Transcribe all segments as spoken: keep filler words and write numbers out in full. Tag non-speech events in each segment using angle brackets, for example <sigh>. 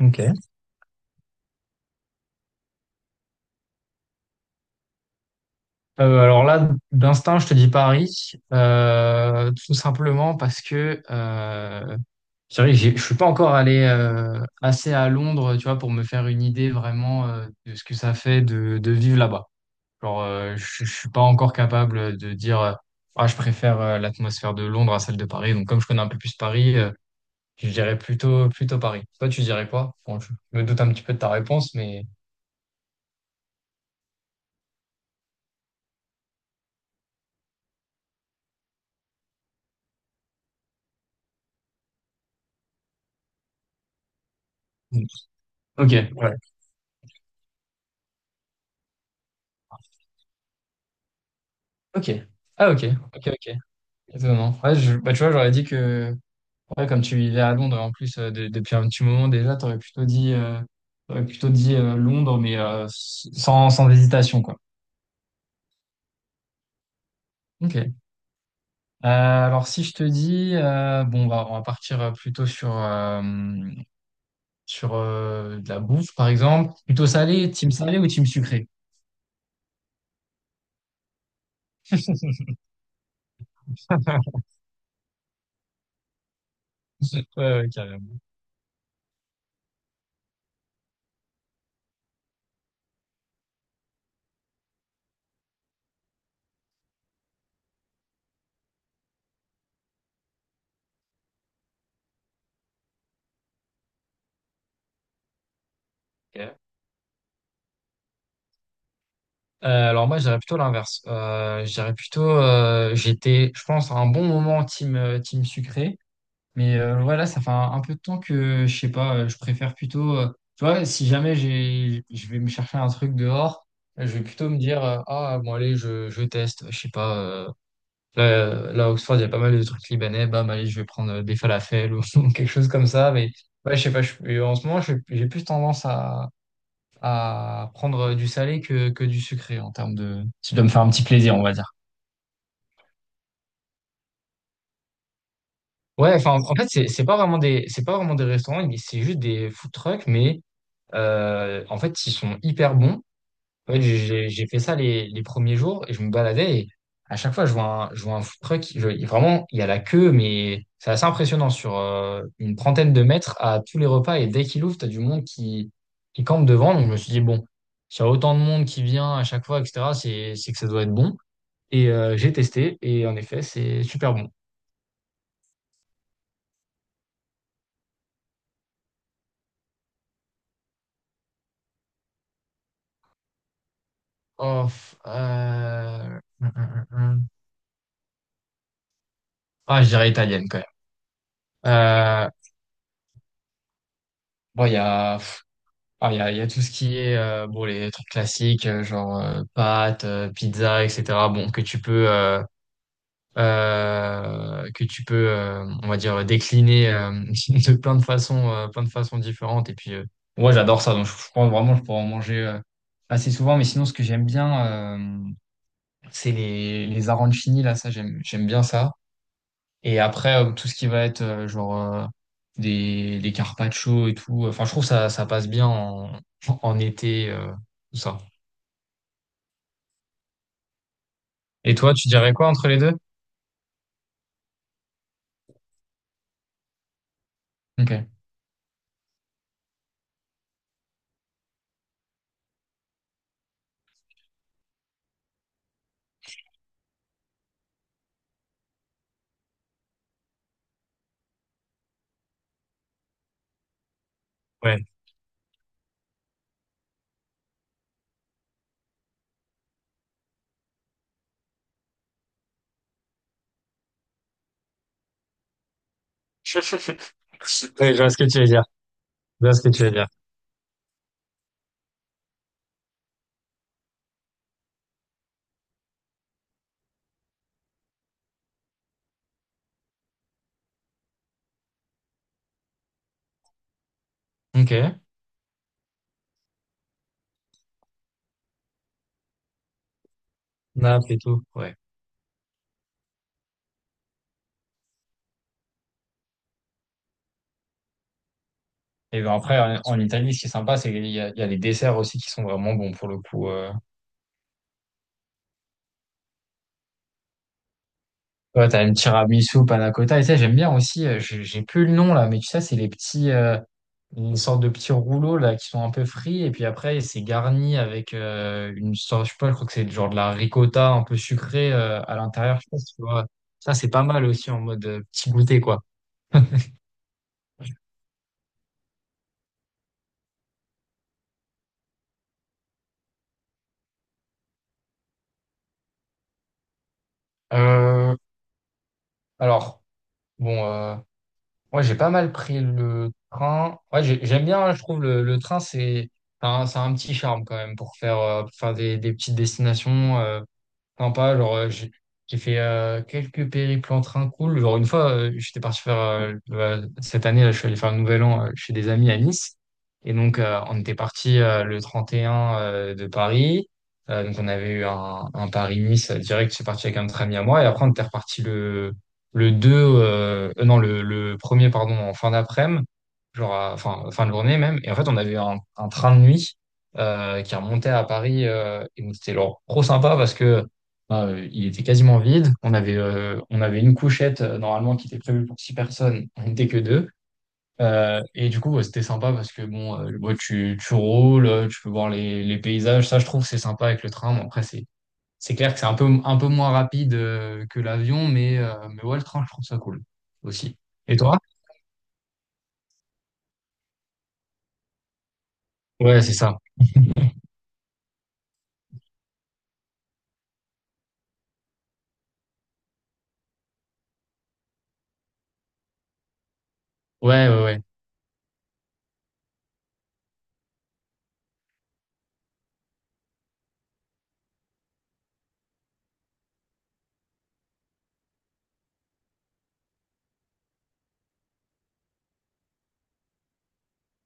Ok. Euh, alors là, d'instinct, je te dis Paris, euh, tout simplement parce que euh, c'est vrai que j'ai- je suis pas encore allé euh, assez à Londres, tu vois, pour me faire une idée vraiment euh, de ce que ça fait de, de vivre là-bas. Genre, euh, je, je suis pas encore capable de dire, euh, ah, je préfère euh, l'atmosphère de Londres à celle de Paris. Donc, comme je connais un peu plus Paris, euh, je dirais plutôt plutôt Paris. Toi, tu dirais quoi? Bon, je me doute un petit peu de ta réponse, mais ok. Ouais, ok, ah ok, ok, ok. Étonnant. Ouais, je- bah, tu vois, j'aurais dit que, ouais, comme tu vivais à Londres, en plus, euh, de- depuis un petit moment déjà, t'aurais plutôt dit, euh, t'aurais plutôt dit euh, Londres, mais euh, s- sans, sans hésitation, quoi. Ok. Euh, alors, si je te dis, euh, bon, bah, on va partir euh, plutôt sur, euh, sur euh, de la bouffe, par exemple. Plutôt salé, team salé ou team sucré? <laughs> Ouais, ouais, carrément. Ok. Euh, alors moi, je dirais plutôt l'inverse. Euh, je dirais plutôt, euh, j'étais, je pense, à un bon moment team, euh, team sucré. Mais euh, ouais, ça fait un, un peu de temps que, je sais pas, euh, je préfère plutôt, euh, tu vois, si jamais j'ai, je vais me chercher un truc dehors, euh, je vais plutôt me dire, euh, ah, bon, allez, je, je teste, je sais pas, euh, là, euh, là, à Oxford, il y a pas mal de trucs libanais, bam, allez, je vais prendre euh, des falafels <laughs> ou quelque chose comme ça, mais ouais, je sais pas, je- euh, en ce moment, je- j'ai plus tendance à, à prendre euh, du salé que, que du sucré en termes de, si je dois me faire un petit plaisir, on va dire. Ouais, enfin, en en fait, c'est c'est pas vraiment des, c'est pas vraiment des restaurants, mais c'est juste des food trucks, mais Euh, en fait, ils sont hyper bons. En fait, j'ai j'ai fait ça les, les premiers jours et je me baladais et à chaque fois, je vois un, je vois un food truck. Je- il- vraiment, il y a la queue, mais c'est assez impressionnant sur euh, une trentaine de mètres à tous les repas. Et dès qu'il ouvre, tu as du monde qui, qui campe devant. Donc, je me suis dit, bon, s'il y a autant de monde qui vient à chaque fois, et cetera, c'est, c'est que ça doit être bon. Et euh, j'ai testé et en effet, c'est super bon. Oh, f- euh, hum, hum, hum, hum. Ah, je dirais italienne quand même. Euh, bon, il y a. Ah, il y a, il y a tout ce qui est euh, bon les trucs classiques euh, genre euh, pâtes, euh, pizza, et cetera. Bon que tu peux euh, euh, que tu peux euh, on va dire décliner euh, <laughs> de plein de façons euh, plein de façons différentes et puis euh, moi j'adore ça donc je, je pense vraiment je pourrais en manger euh, assez souvent mais sinon ce que j'aime bien euh, c'est les les arancini là ça j'aime j'aime bien ça. Et après, euh, tout ce qui va être euh, genre euh, des, des carpaccio et tout, euh, enfin, je trouve ça, ça passe bien en, en été, euh, tout ça. Et toi, tu dirais quoi entre les deux? Ok. Ouais. <laughs> Ouais, je vois ce que tu veux dire. Je vois ce que tu veux dire. Ok. Naples et tout. Ouais. Et ben après, en, en Italie, ce qui est sympa, c'est qu'il y a, il y a les desserts aussi qui sont vraiment bons pour le coup. Euh. Ouais, t'as une tiramisu, panna cotta. Et ça, j'aime bien aussi. Euh, j'ai j'ai plus le nom là, mais tu sais, c'est les petits. Euh, une sorte de petits rouleaux là qui sont un peu frits et puis après c'est garni avec euh, une sorte je sais pas je crois que c'est genre de la ricotta un peu sucrée euh, à l'intérieur je sais pas si tu vois ça c'est pas mal aussi en mode euh, petit goûter quoi. Euh, alors bon euh, Moi j'ai pas mal pris le train ouais j'ai- j'aime bien hein, je trouve le, le train c'est c'est un, c'est un petit charme quand même pour faire euh, pour faire des, des petites destinations. euh, Sympa, genre, euh, j'ai j'ai fait euh, quelques périples en train cool. Genre, une fois, euh, j'étais parti faire, euh, euh, cette année, là, je suis allé faire le Nouvel An euh, chez des amis à Nice. Et donc, euh, on était parti euh, le trente et un euh, de Paris. Euh, donc, on avait eu un, un Paris-Nice euh, direct. Je suis parti avec un autre ami à moi. Et après, on était reparti le, le deux euh, euh, non, le, le premier pardon, en fin d'après-midi, genre, à- enfin, fin de journée même. Et en fait, on avait eu un, un train de nuit euh, qui remontait à Paris. Euh, et donc, c'était genre, trop sympa parce que bah, euh, il était quasiment vide. On avait, euh, on avait une couchette euh, normalement qui était prévue pour six personnes. On n'était que deux. Euh, et du coup, ouais, c'était sympa parce que bon, euh, ouais, tu, tu roules, euh, tu peux voir les, les paysages. Ça, je trouve, c'est sympa avec le train. Bon, après, c'est, c'est clair que c'est un peu, un peu moins rapide euh, que l'avion, mais, euh, mais ouais, le train, je trouve ça cool aussi. Et toi? Ouais, c'est ça. Ouais, ouais, ouais.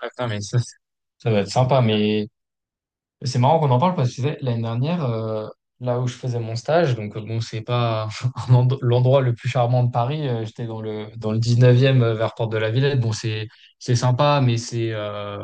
Ah, putain, mais ça, c'est- ça va être sympa. Mais c'est marrant qu'on en parle parce que tu sais, l'année dernière, euh, là où je faisais mon stage, donc euh, bon, c'est pas <laughs> un end- l'endroit le plus charmant de Paris, euh, j'étais dans le, dans le dix-neuvième euh, vers Porte de la Villette. Bon, c'est c'est sympa, mais c'est euh,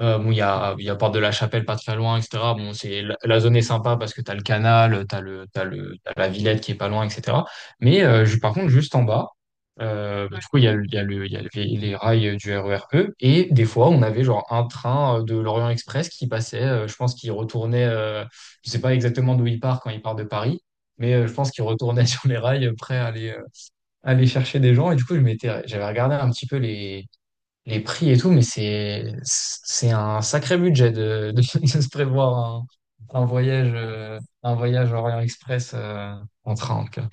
euh, bon, il y a, il y a Porte de la Chapelle pas très loin, et cetera. Bon, c'est, la, la zone est sympa parce que t'as le canal, t'as le, t'as le, t'as la Villette qui est pas loin, et cetera. Mais euh, ju- par contre, juste en bas, euh, bah, du coup, il y a, le- il y a, le, il y a les, les rails du R E R E. Et des fois, on avait genre un train euh, de l'Orient Express qui passait, euh, je pense qu'il retournait, euh, je sais pas exactement d'où il part quand il part de Paris, mais euh, je pense qu'il retournait <laughs> sur les rails euh, prêt à aller, euh, aller chercher des gens. Et du coup, je m'étais, j'avais regardé un petit peu les prix et tout, mais c'est c'est un sacré budget de, de, <laughs> de se prévoir un, un voyage euh, un voyage Orient Express euh, en train. En tout cas.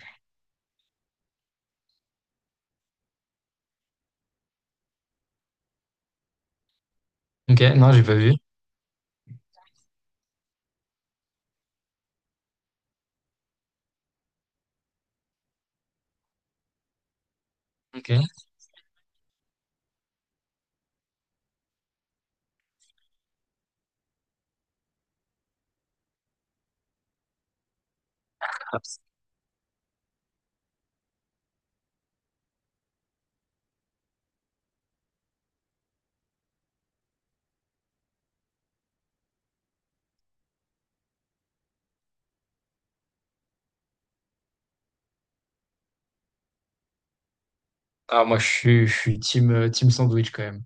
Ok, non, j'ai pas vu. Ok. Ah, moi, je suis je suis team euh, team sandwich quand même.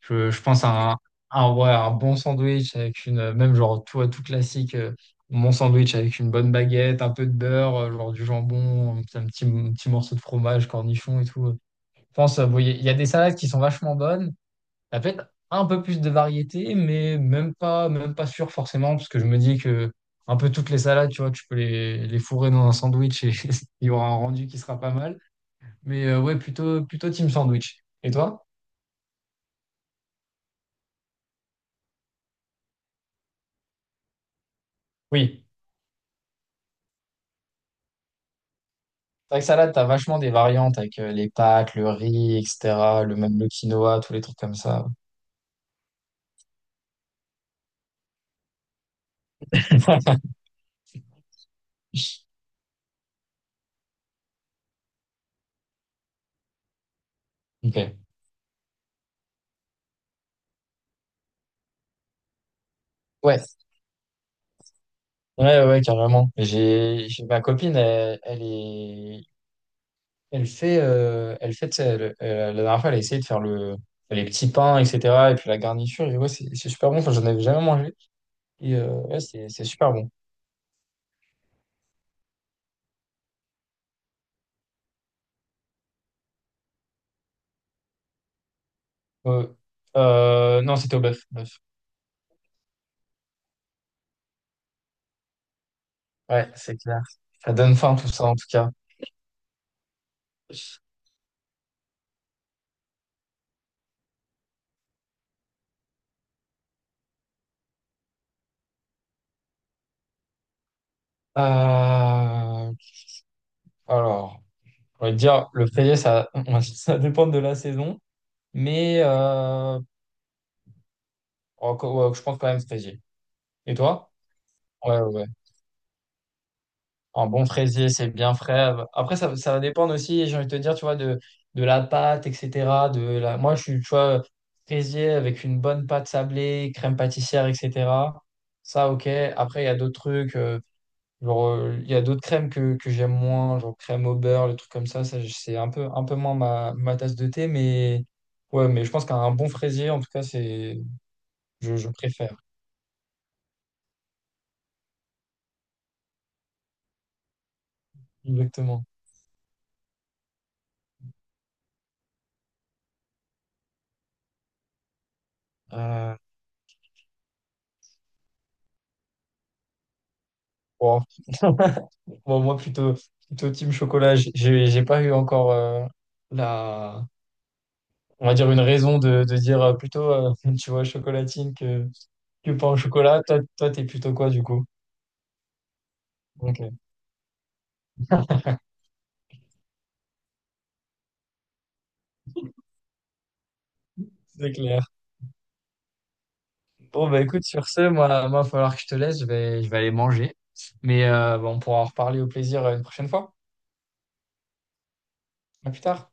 Je, je pense à un, un, ouais, un bon sandwich avec une même genre tout tout classique. euh, Mon sandwich avec une bonne baguette, un peu de beurre, euh, genre du jambon, un petit, un petit morceau de fromage, cornichon et tout. Je pense, euh, bon, il y a il y a des salades qui sont vachement bonnes, la fête, un peu plus de variété, mais même pas, même pas sûr forcément, parce que je me dis que un peu toutes les salades, tu vois, tu peux les, les fourrer dans un sandwich et <laughs> il y aura un rendu qui sera pas mal. Mais euh, ouais, plutôt, plutôt team sandwich. Et toi? Oui. C'est vrai que salade, t'as vachement des variantes avec euh, les pâtes, le riz, et cetera, le même le quinoa, tous les trucs comme ça. <laughs> Ok. Ouais, ouais, ouais, carrément. J'ai j'ai- ma copine, elle, elle est Elle fait, euh, elle fait, tu sais, elle- elle- la dernière fois, elle a essayé de faire le, les petits pains, et cetera. Et puis la garniture, et ouais, c'est c'est super bon. Enfin, j'en avais jamais mangé. Et euh, ouais, c'est c'est super bon. Euh, euh, non, c'était au bœuf. Bœuf. Ouais, c'est clair. Ça donne faim, tout ça, en tout cas. Euh, alors, on va dire, le feuillet, ça, <laughs> ça dépend de la saison. Mais euh, oh, co- ouais, je pense quand même fraisier. Et toi? Ouais, ouais. Un bon fraisier, c'est bien frais. Après, ça, ça va dépendre aussi, j'ai envie de te dire, tu vois, de, de la pâte, et cetera. De la... Moi, je suis, tu vois, fraisier avec une bonne pâte sablée, crème pâtissière, et cetera. Ça, ok. Après, il y a d'autres trucs, euh, genre, euh, il y a d'autres crèmes que, que j'aime moins, genre crème au beurre, le truc comme ça. Ça, je- c'est un peu, un peu moins ma, ma tasse de thé, mais ouais, mais je pense qu'un bon fraisier, en tout cas, c'est, je, je préfère. Exactement. Euh, bon. <laughs> Bon, moi, plutôt, plutôt team chocolat. J'ai j'ai- j'ai pas eu encore euh, la, on va dire une raison de, de dire euh, plutôt, euh, <laughs> tu vois, chocolatine que, que pain au chocolat. Toi, toi, t'es plutôt quoi, du coup? Ok, c'est clair. Bon, bah écoute, sur ce, moi, moi, il va falloir que je te laisse. Je vais, je vais aller manger. Mais euh, bah, on pourra en reparler au plaisir euh, une prochaine fois. À plus tard.